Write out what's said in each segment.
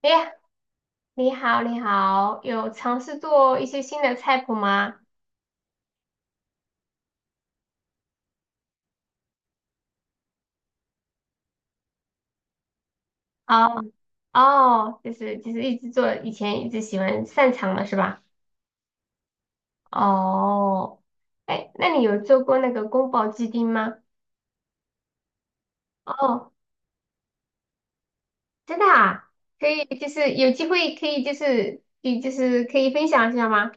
哎呀，你好，你好，有尝试做一些新的菜谱吗？哦，哦，就是一直做，以前一直喜欢擅长的是吧？哦，哎，那你有做过那个宫保鸡丁吗？哦，真的啊，可以，就是有机会可以，就是可以分享一下吗？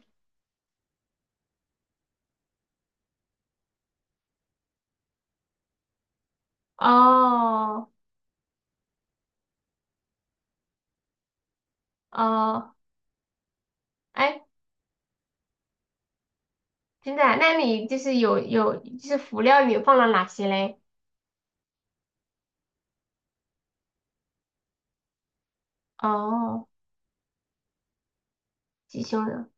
哦，哦，哎，真的啊那你就是有就是辅料你放了哪些嘞？哦，鸡胸肉。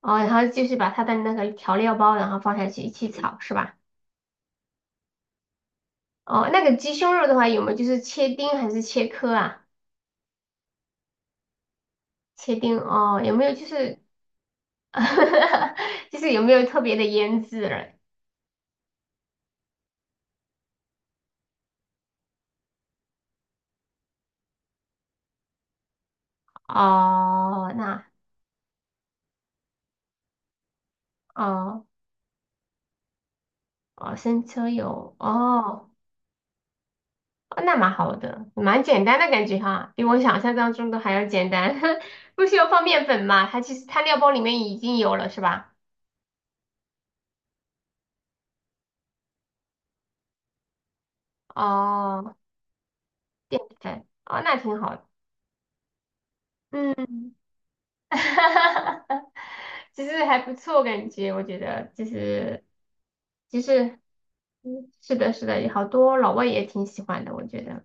哦，然后就是把它的那个调料包，然后放下去一起炒，是吧？哦，那个鸡胸肉的话，有没有就是切丁还是切颗啊？切丁哦，有没有就是 就是有没有特别的腌制了？哦，那哦哦，生抽有哦，哦那蛮好的，蛮简单的感觉哈，比我想象当中的还要简单，不需要放面粉嘛？它其实它料包里面已经有了，是吧？哦，淀粉哦，那挺好的，嗯。哈哈哈其实还不错，感觉我觉得其实嗯是的，是的，有好多老外也挺喜欢的，我觉得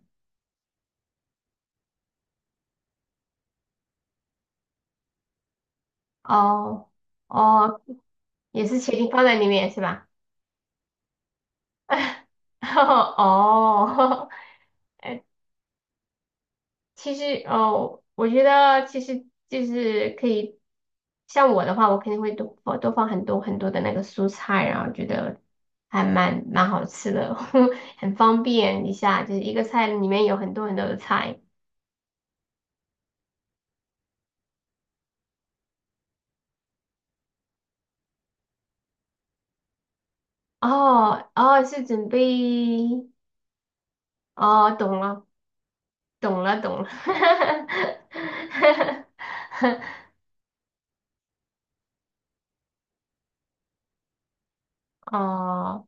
哦哦，也是茄定放在里面是吧？哦，其实哦，我觉得其实就是可以，像我的话，我肯定会多放很多很多的那个蔬菜，然后觉得还蛮好吃的，很方便一下，就是一个菜里面有很多很多的菜。哦哦，是准备哦，懂了懂了，哦。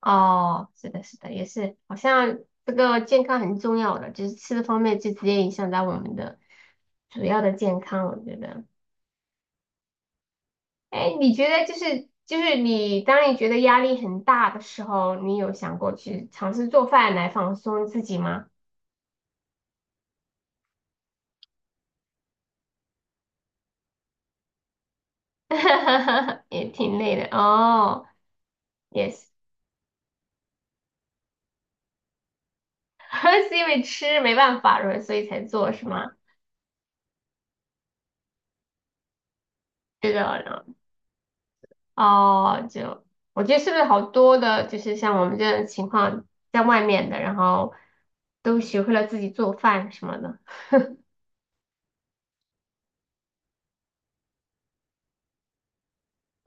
哦，是的，是的，也是，好像这个健康很重要的，就是吃的方面就直接影响到我们的主要的健康，我觉得。哎，你觉得就是你当你觉得压力很大的时候，你有想过去尝试做饭来放松自己吗？也挺累的哦，也是，是因为吃没办法，所以才做是吗？是的，哦，就我觉得是不是好多的，就是像我们这种情况，在外面的，然后都学会了自己做饭什么的。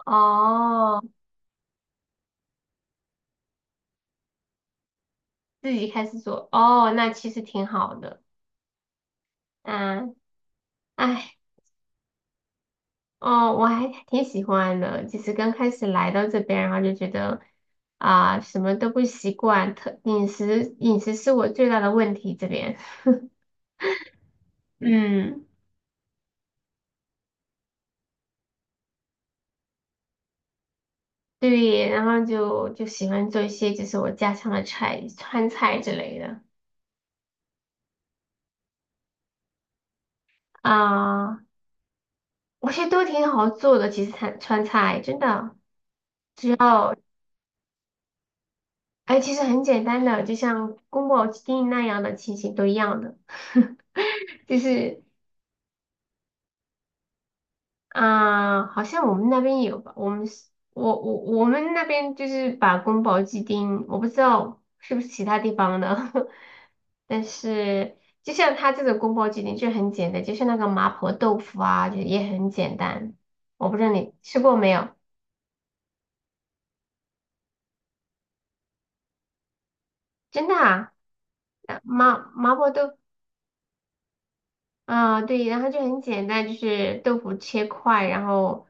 哦，自己开始做，哦，那其实挺好的。嗯，哎，哦，我还挺喜欢的。就是刚开始来到这边，然后就觉得啊、什么都不习惯，特饮食是我最大的问题这边。嗯，对，然后就喜欢做一些就是我家乡的菜，川菜之类的。啊、我觉得都挺好做的，其实川菜真的只要，哎，其实很简单的，就像宫保鸡丁那样的情形都一样的，就是啊、好像我们那边有吧，我们是我们那边就是把宫保鸡丁，我不知道是不是其他地方的，但是就像它这种宫保鸡丁就很简单，就像那个麻婆豆腐啊，就也很简单，我不知道你吃过没有。真的啊，呃麻麻婆豆，啊，对，然后就很简单，就是豆腐切块，然后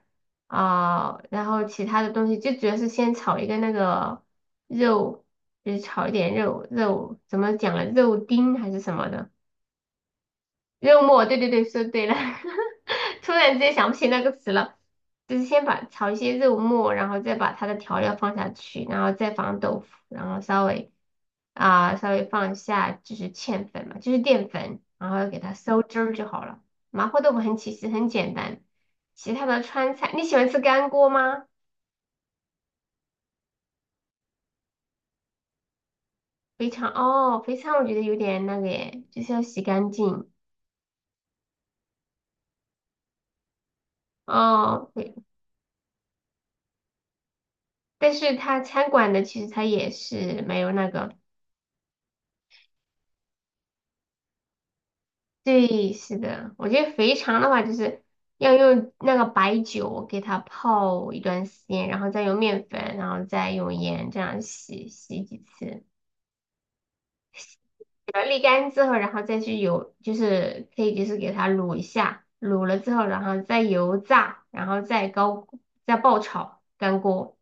啊、然后其他的东西就主要是先炒一个那个肉，就是炒一点肉，怎么讲了，肉丁还是什么的。肉默，对对对，说对了，突然之间想不起那个词了。就是先把炒一些肉末，然后再把它的调料放下去，然后再放豆腐，然后稍微啊、稍微放一下就是芡粉嘛，就是淀粉，然后给它收汁儿就好了。麻婆豆腐很其实很简单，其他的川菜你喜欢吃干锅吗？肥肠哦，肥肠我觉得有点那个耶，就是要洗干净哦。对，但是它餐馆的其实它也是没有那个。对，是的，我觉得肥肠的话，就是要用那个白酒给它泡一段时间，然后再用面粉，然后再用盐这样洗洗几次，把它沥干之后，然后再去油，就是可以就是给它卤一下，卤了之后，然后再油炸，然后再高再爆炒干锅。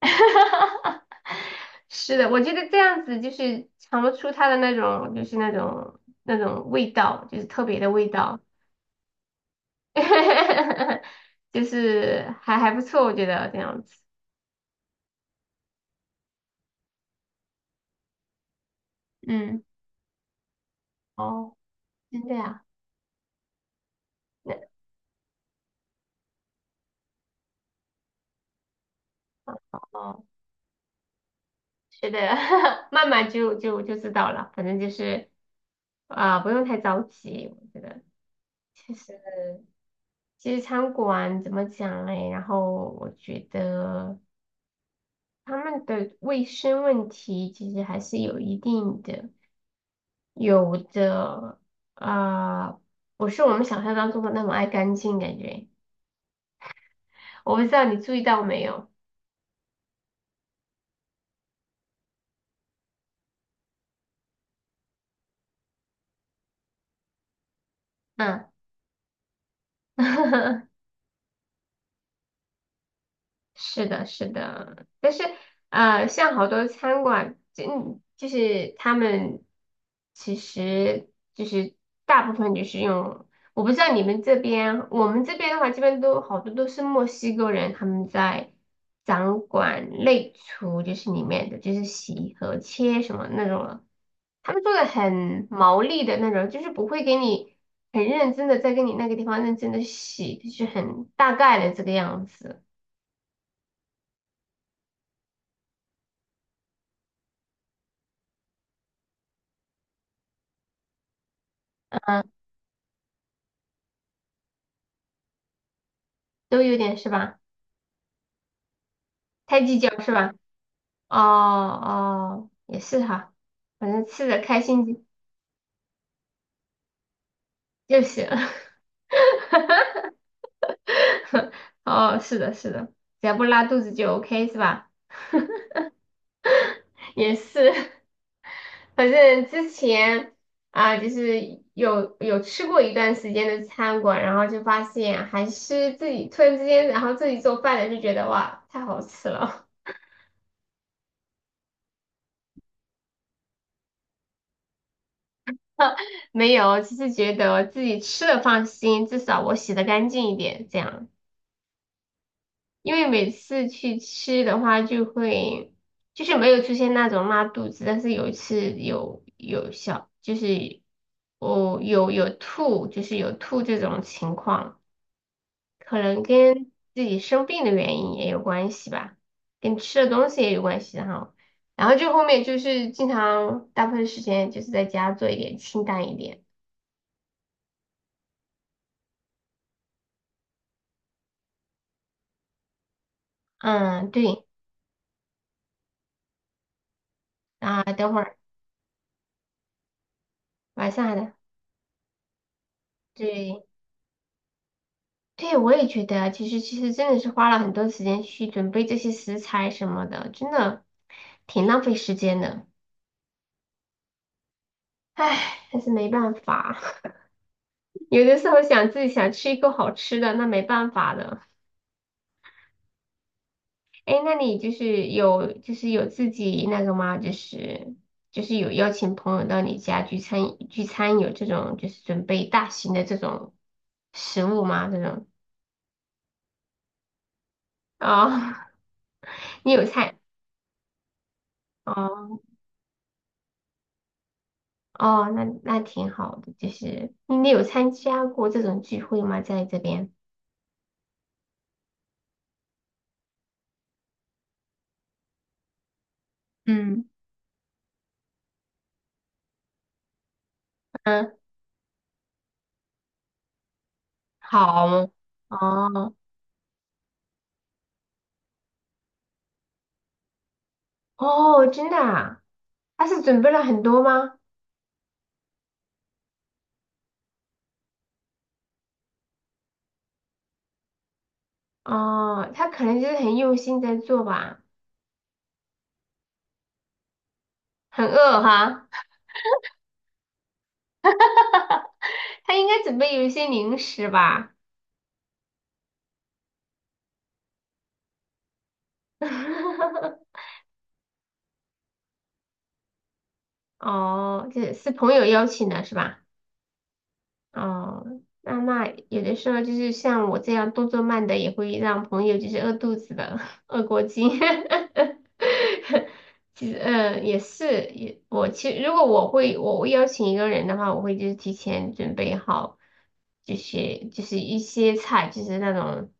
是的，我觉得这样子就是尝不出它的那种就是那种味道，就是特别的味道。就是还不错，我觉得这样子。嗯，哦，真的呀，那哦，是的，慢慢就知道了，反正就是啊、不用太着急，我觉得其实其实餐馆怎么讲嘞？然后我觉得他们的卫生问题其实还是有一定的，有的啊、不是我们想象当中的那么爱干净，感觉我不知道你注意到没有。嗯，是的，是的，但是呃，像好多餐馆，嗯，就是他们其实就是大部分就是用，我不知道你们这边，我们这边的话，基本都好多都是墨西哥人，他们在掌管内厨，就是里面的就是洗和切什么那种他们做的很毛利的那种，就是不会给你很认真的在给你那个地方认真的洗，就是很大概的这个样子，嗯，都有点是吧？太计较是吧？哦哦，也是哈，反正吃的开心就就行。哦，是的，是的，只要不拉肚子就 OK 是吧？也是。反正之前啊、就是有吃过一段时间的餐馆，然后就发现还是自己突然之间，然后自己做饭的就觉得哇，太好吃了。没有，只是觉得自己吃的放心，至少我洗的干净一点，这样。因为每次去吃的话，就会就是没有出现那种拉肚子，但是有一次有小就是哦有吐，就是有吐这种情况。可能跟自己生病的原因也有关系吧，跟吃的东西也有关系哈。然后就后面就是经常大部分时间就是在家做一点清淡一点。嗯，对啊，等会儿晚上的，对对，我也觉得其实真的是花了很多时间去准备这些食材什么的，真的挺浪费时间的。唉，但是没办法，有的时候想自己想吃一口好吃的，那没办法的。哎，那你就是有就是有自己那个吗？就是有邀请朋友到你家聚餐聚餐，有这种就是准备大型的这种食物吗？这种哦，你有菜哦哦，那那挺好的，就是你有参加过这种聚会吗？在这边，嗯，嗯，好哦哦，真的啊，他是准备了很多吗？哦，他可能就是很用心在做吧，很饿哈。他应该准备有一些零食吧？哦，这是朋友邀请的是吧？哦，那那有的时候就是像我这样动作慢的，也会让朋友就是饿肚子的，饿过劲。其实，嗯，也是，也我其实如果我会邀请一个人的话，我会就是提前准备好，就是一些菜，就是那种。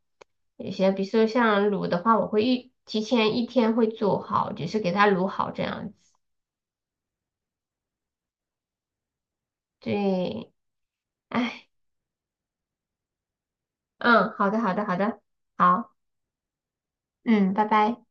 有些比如说像卤的话，我会一提前一天会做好，就是给它卤好这样子。对，哎，嗯，好的，好的，好的，好，嗯，拜拜。